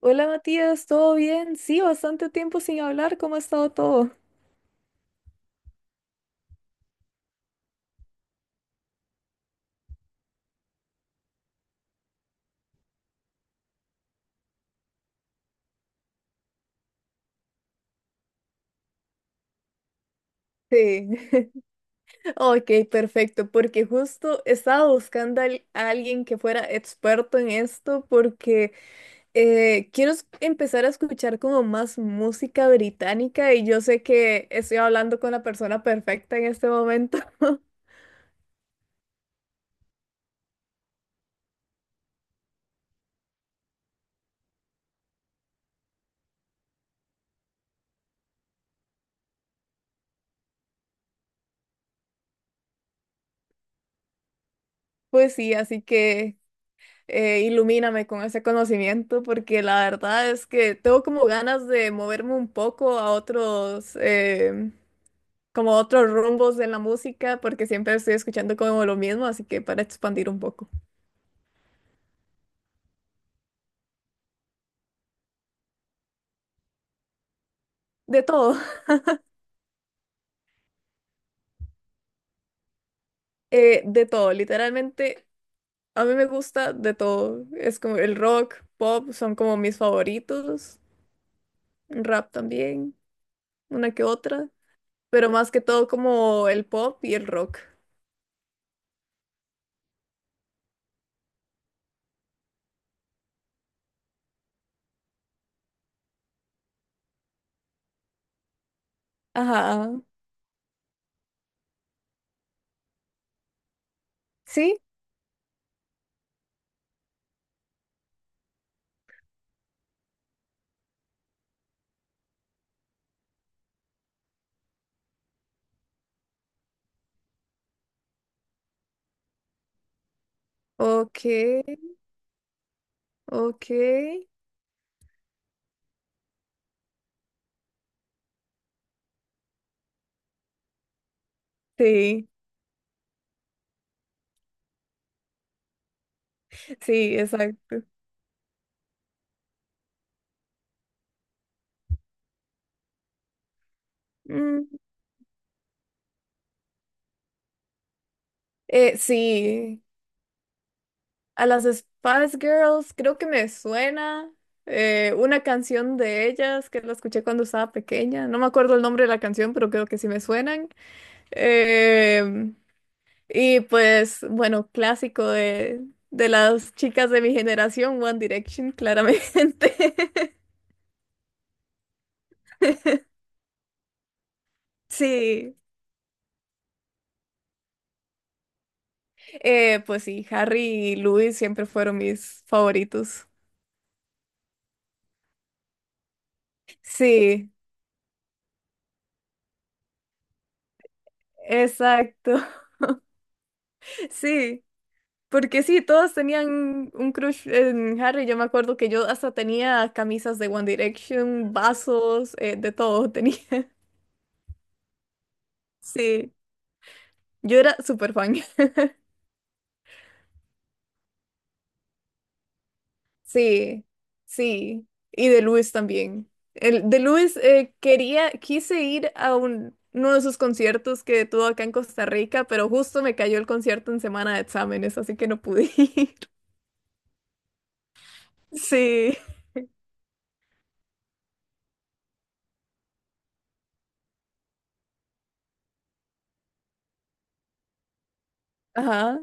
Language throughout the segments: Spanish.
Hola Matías, ¿todo bien? Sí, bastante tiempo sin hablar, ¿cómo ha estado todo? Sí, ok, perfecto, porque justo estaba buscando a alguien que fuera experto en esto, porque quiero empezar a escuchar como más música británica y yo sé que estoy hablando con la persona perfecta en este momento. Pues sí, así que ilumíname con ese conocimiento, porque la verdad es que tengo como ganas de moverme un poco a otros, como a otros rumbos de la música, porque siempre estoy escuchando como lo mismo, así que para expandir un poco. De todo, de todo, literalmente, a mí me gusta de todo. Es como el rock, pop, son como mis favoritos, rap también, una que otra, pero más que todo como el pop y el rock. Ajá, sí, ok. Ok, sí, sí, exacto. Mm, sí, a las Spice Girls creo que me suena una canción de ellas que la escuché cuando estaba pequeña. No me acuerdo el nombre de la canción, pero creo que sí me suenan. Em, y pues, bueno, clásico de las chicas de mi generación, One Direction, claramente. Sí, pues sí, Harry y Louis siempre fueron mis favoritos. Sí. Exacto, sí, porque sí, todos tenían un crush en Harry. Yo me acuerdo que yo hasta tenía camisas de One Direction, vasos, de todo tenía. Sí, yo era súper fan. Sí, sí, y de Luis también. El, de Luis quería, quise ir a uno de sus conciertos que tuvo acá en Costa Rica, pero justo me cayó el concierto en semana de exámenes, así que no pude ir. Sí, ajá,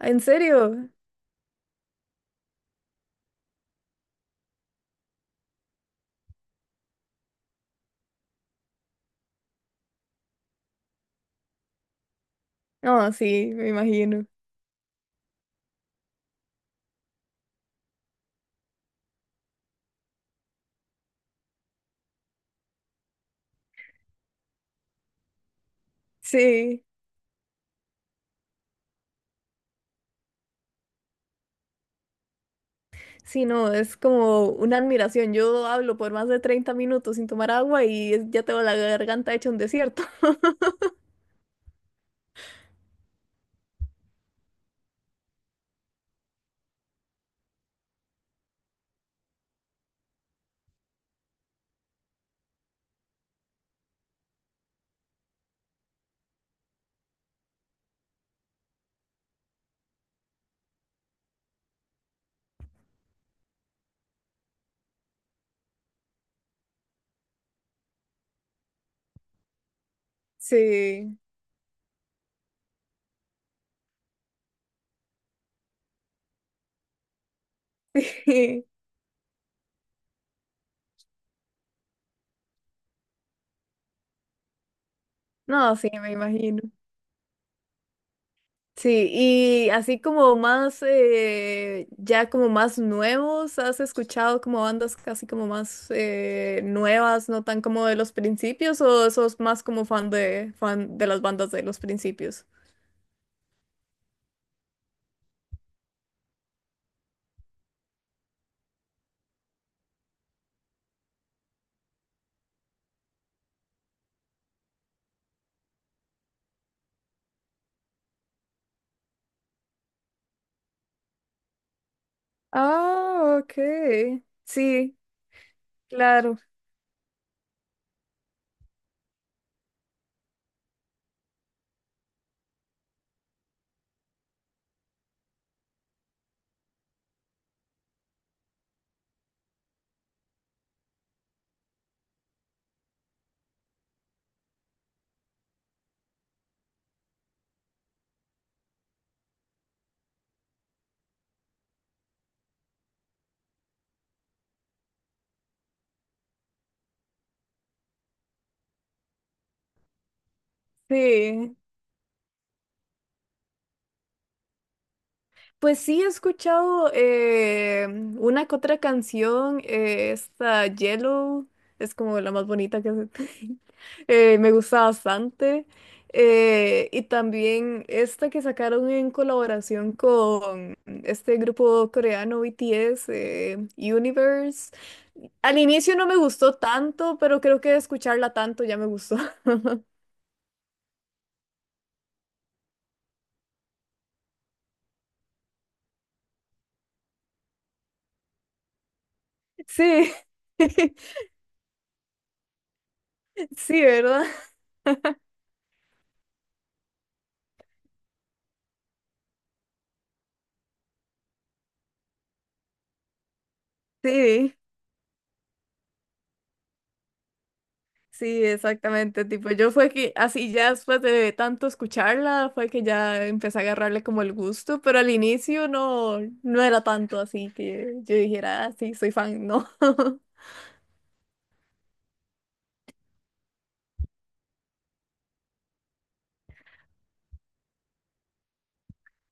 ¿en serio? No, sí, me imagino. Sí, sí, no, es como una admiración. Yo hablo por más de 30 minutos sin tomar agua y ya tengo la garganta hecha un desierto. Sí, sí. No, sí, me imagino. Sí, y así como más, ya como más nuevos, ¿has escuchado como bandas casi como más nuevas, no tan como de los principios, o sos más como fan fan de las bandas de los principios? Ah, ok. Sí, claro. Sí, pues sí, he escuchado una que otra canción, esta Yellow, es como la más bonita que me gusta bastante. Y también esta que sacaron en colaboración con este grupo coreano BTS, Universe. Al inicio no me gustó tanto, pero creo que de escucharla tanto ya me gustó. Sí, sí, ¿verdad? Sí. Sí, exactamente, tipo, yo fue que así ya después de tanto escucharla, fue que ya empecé a agarrarle como el gusto, pero al inicio no, no era tanto así que yo dijera, ah, sí, soy fan, no.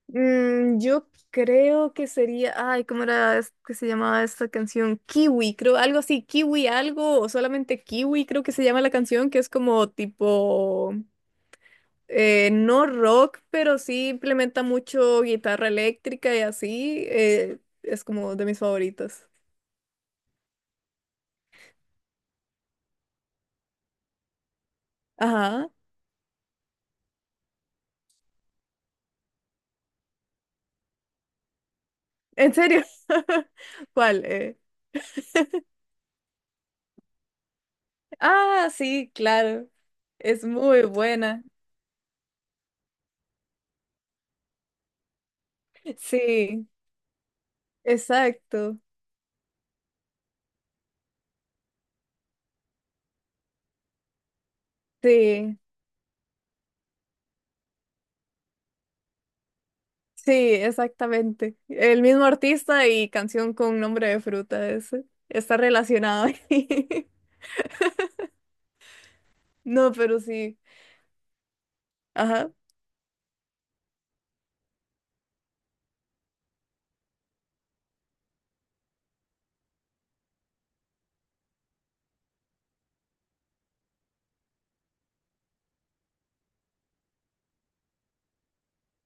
Mm, yo creo que sería, ay, ¿cómo era que se llamaba esta canción? Kiwi, creo, algo así, Kiwi algo, o solamente Kiwi creo que se llama la canción, que es como tipo... no rock, pero sí implementa mucho guitarra eléctrica y así. Eh, es como de mis favoritos. Ajá. ¿En serio? ¿Cuál? ¿Eh? Ah, sí, claro. Es muy buena. Sí, exacto. Sí, sí, exactamente. El mismo artista y canción con nombre de fruta ese. Está relacionado ahí. No, pero sí. Ajá.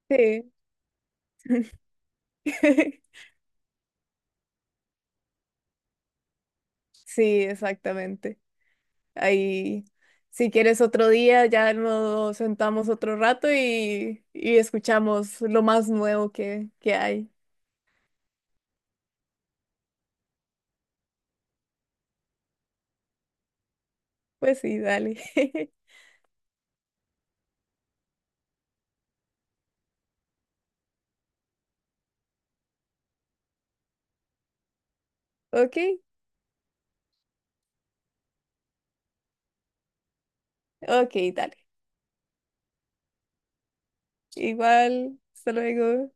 Sí. Sí, exactamente. Ahí, si quieres otro día, ya nos sentamos otro rato y escuchamos lo más nuevo que hay. Pues sí, dale. Ok, ok, dale. Igual, hasta luego.